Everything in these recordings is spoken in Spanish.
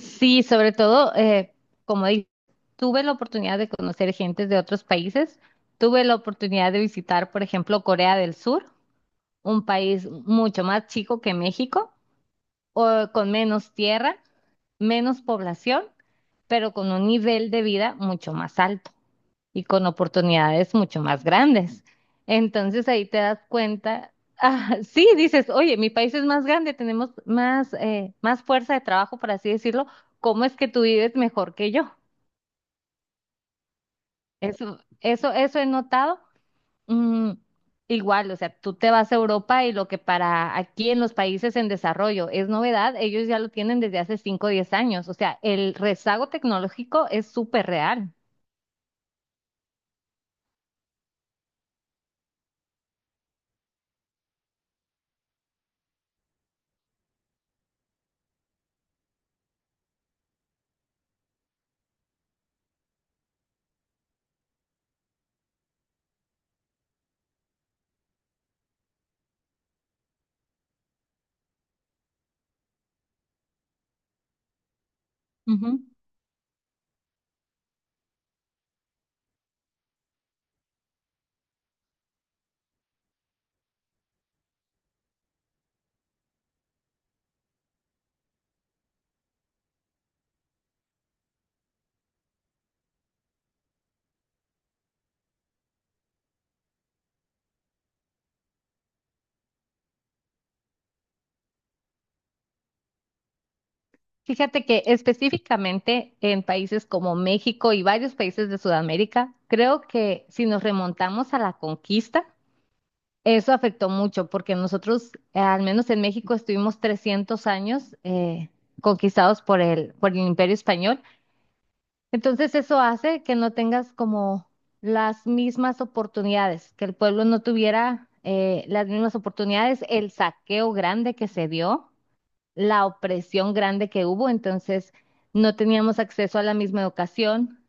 Sí, sobre todo, como di- tuve la oportunidad de conocer gente de otros países, tuve la oportunidad de visitar, por ejemplo, Corea del Sur, un país mucho más chico que México, o con menos tierra, menos población, pero con un nivel de vida mucho más alto y con oportunidades mucho más grandes. Entonces ahí te das cuenta, ah, sí, dices, oye, mi país es más grande, tenemos más, más fuerza de trabajo, por así decirlo, ¿cómo es que tú vives mejor que yo? Eso he notado. Mm, igual, o sea, tú te vas a Europa y lo que para aquí en los países en desarrollo es novedad, ellos ya lo tienen desde hace 5 o 10 años. O sea, el rezago tecnológico es súper real. Ujú. Fíjate que específicamente en países como México y varios países de Sudamérica, creo que si nos remontamos a la conquista, eso afectó mucho porque nosotros, al menos en México, estuvimos 300 años conquistados por el Imperio Español. Entonces eso hace que no tengas como las mismas oportunidades, que el pueblo no tuviera las mismas oportunidades, el saqueo grande que se dio, la opresión grande que hubo. Entonces no teníamos acceso a la misma educación,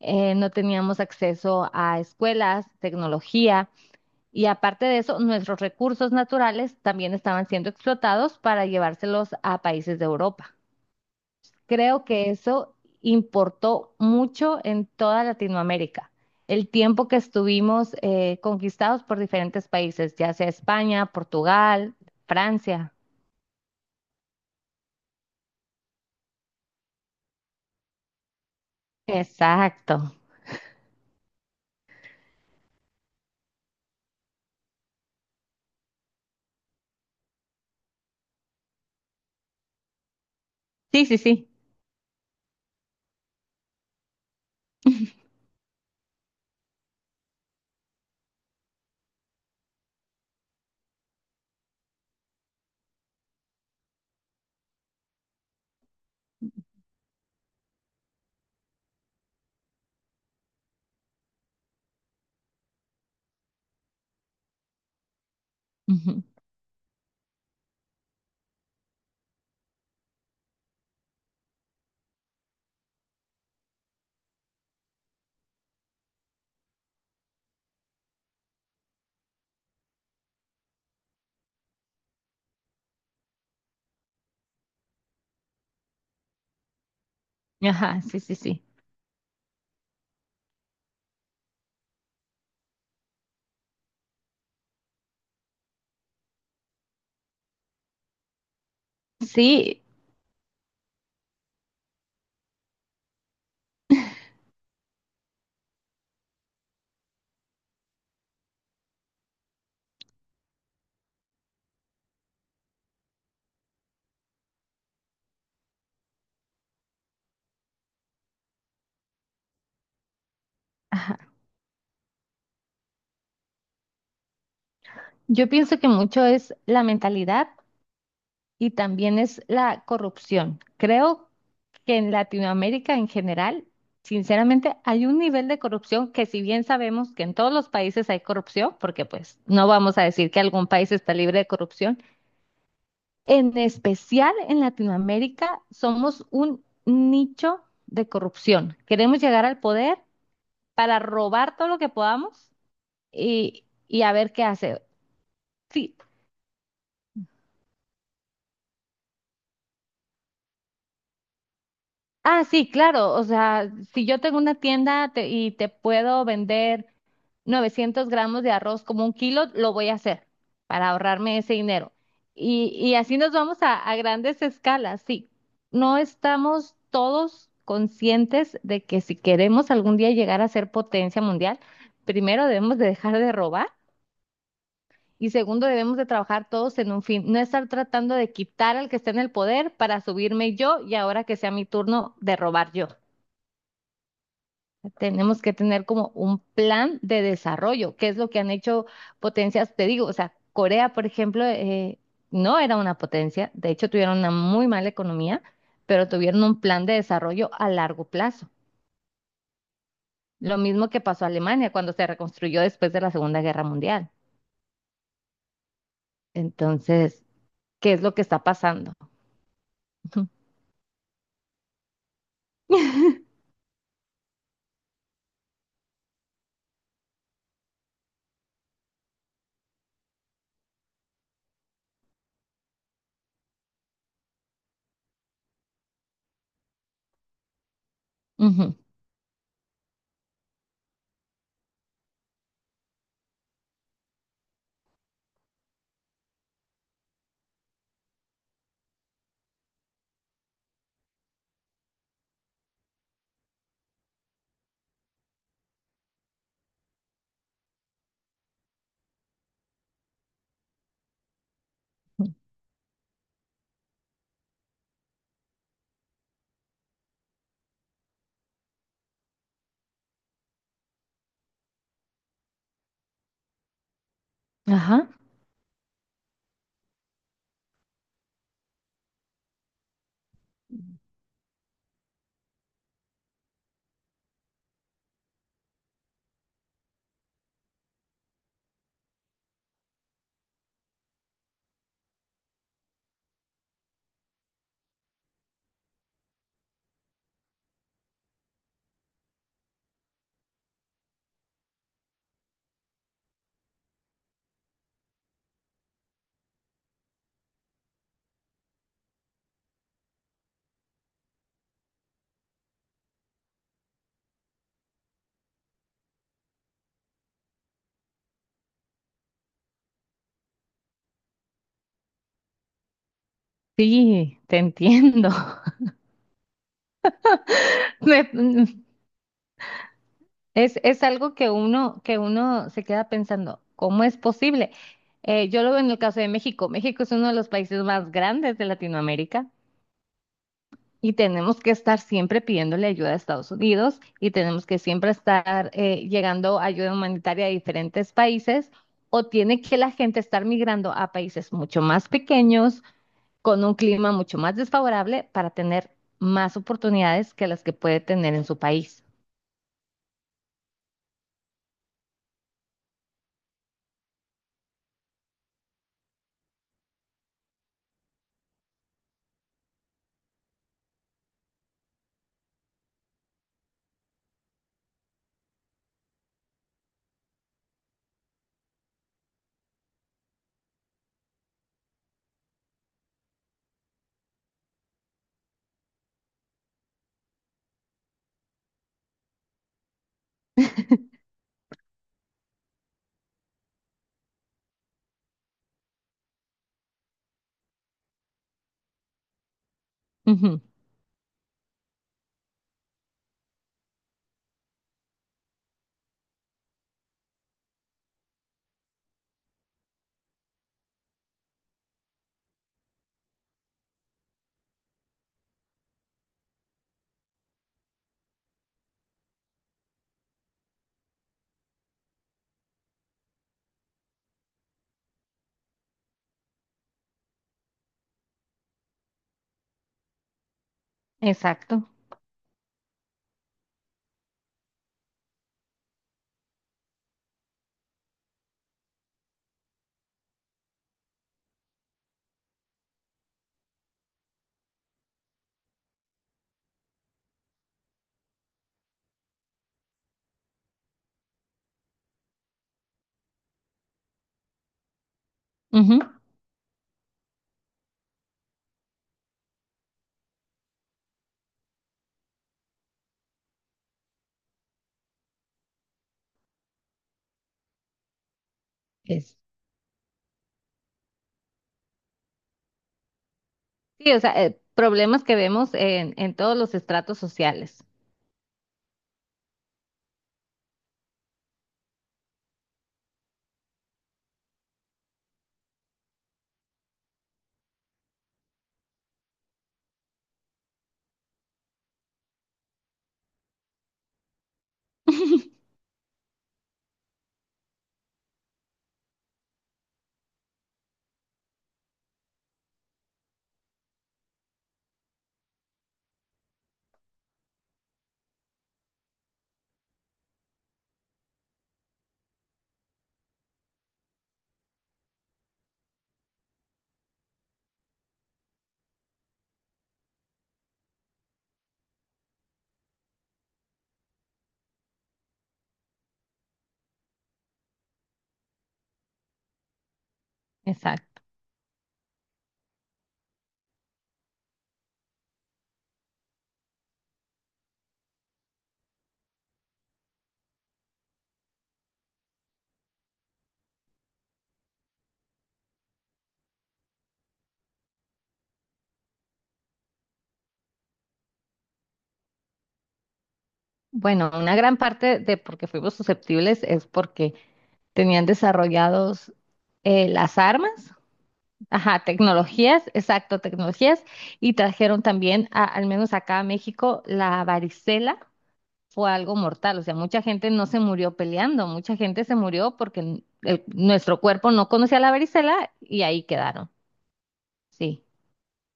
no teníamos acceso a escuelas, tecnología, y aparte de eso, nuestros recursos naturales también estaban siendo explotados para llevárselos a países de Europa. Creo que eso importó mucho en toda Latinoamérica. El tiempo que estuvimos conquistados por diferentes países, ya sea España, Portugal, Francia. Exacto. Sí, sí, sí. Ujú. Ajá, sí, sí, sí. Sí, ajá. Yo pienso que mucho es la mentalidad y también es la corrupción. Creo que en Latinoamérica en general, sinceramente, hay un nivel de corrupción que, si bien sabemos que en todos los países hay corrupción, porque pues no vamos a decir que algún país está libre de corrupción, en especial en Latinoamérica somos un nicho de corrupción. Queremos llegar al poder para robar todo lo que podamos y a ver qué hace. Sí, ah, sí, claro, o sea, si yo tengo una tienda y te puedo vender 900 gramos de arroz como un kilo, lo voy a hacer para ahorrarme ese dinero. Y así nos vamos a grandes escalas, sí. No estamos todos conscientes de que si queremos algún día llegar a ser potencia mundial, primero debemos de dejar de robar. Y segundo, debemos de trabajar todos en un fin, no estar tratando de quitar al que está en el poder para subirme yo y ahora que sea mi turno de robar yo. Tenemos que tener como un plan de desarrollo, que es lo que han hecho potencias, te digo, o sea, Corea, por ejemplo, no era una potencia, de hecho tuvieron una muy mala economía, pero tuvieron un plan de desarrollo a largo plazo. Lo mismo que pasó a Alemania cuando se reconstruyó después de la Segunda Guerra Mundial. Entonces, ¿qué es lo que está pasando? Ujú. Ajá, sí, te entiendo. Me- mm, es algo que uno se queda pensando, ¿cómo es posible? Yo lo veo en el caso de México. México es uno de los países más grandes de Latinoamérica y tenemos que estar siempre pidiéndole ayuda a Estados Unidos y tenemos que siempre estar llegando ayuda humanitaria a diferentes países, o tiene que la gente estar migrando a países mucho más pequeños con un clima mucho más desfavorable para tener más oportunidades que las que puede tener en su país. Ujú. Exacto. Ujú, es- Sí, o sea, problemas que vemos en todos los estratos sociales. Exacto. Bueno, una gran parte de por qué fuimos susceptibles es porque tenían desarrollados las armas, ajá, tecnologías, exacto, tecnologías, y trajeron también, al menos acá a México, la varicela fue algo mortal. O sea, mucha gente no se murió peleando, mucha gente se murió porque nuestro cuerpo no conocía la varicela y ahí quedaron. Sí,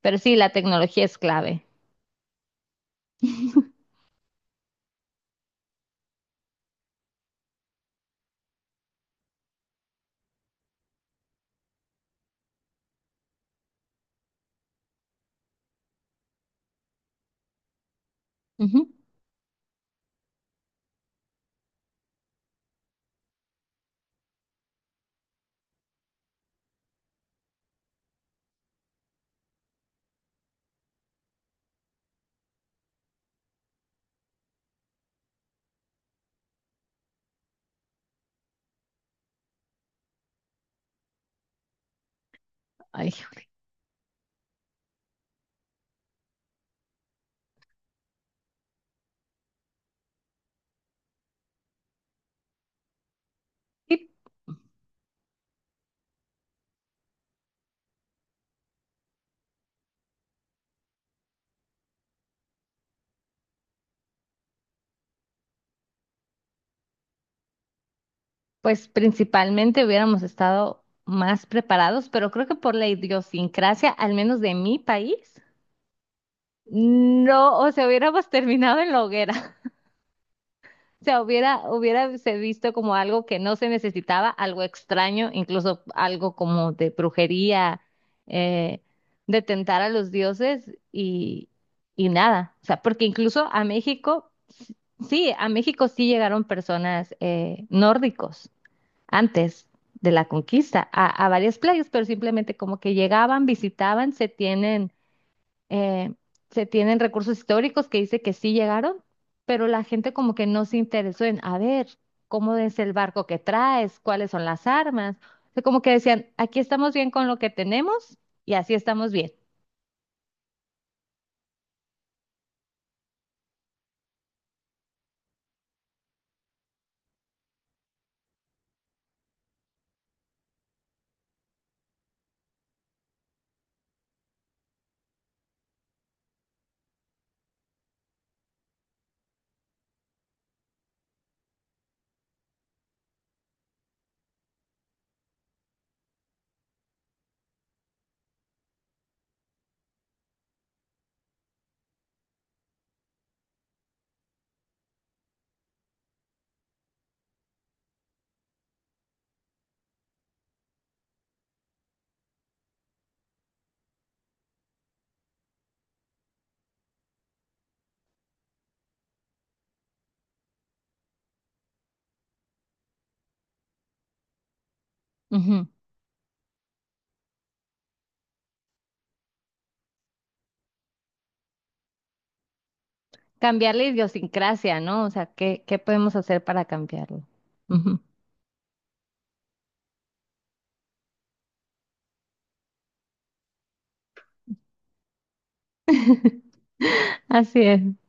pero sí, la tecnología es clave. Ujú. Ay, y pues principalmente hubiéramos estado más preparados, pero creo que por la idiosincrasia, al menos de mi país, no, o sea, hubiéramos terminado en la hoguera. O sea, hubiera se visto como algo que no se necesitaba, algo extraño, incluso algo como de brujería, eh, de tentar a los dioses y nada. O sea, porque incluso a México, sí, a México sí llegaron personas nórdicos antes de la conquista a varias playas, pero simplemente como que llegaban, visitaban, eh, se tienen recursos históricos que dice que sí llegaron, pero la gente como que no se interesó en, a ver, ¿cómo es el barco que traes? ¿Cuáles son las armas? O sea, como que decían, aquí estamos bien con lo que tenemos y así estamos bien. Ujú. Cambiar la idiosincrasia, ¿no? O sea, ¿qué podemos hacer para cambiarlo? Ujú. Así es.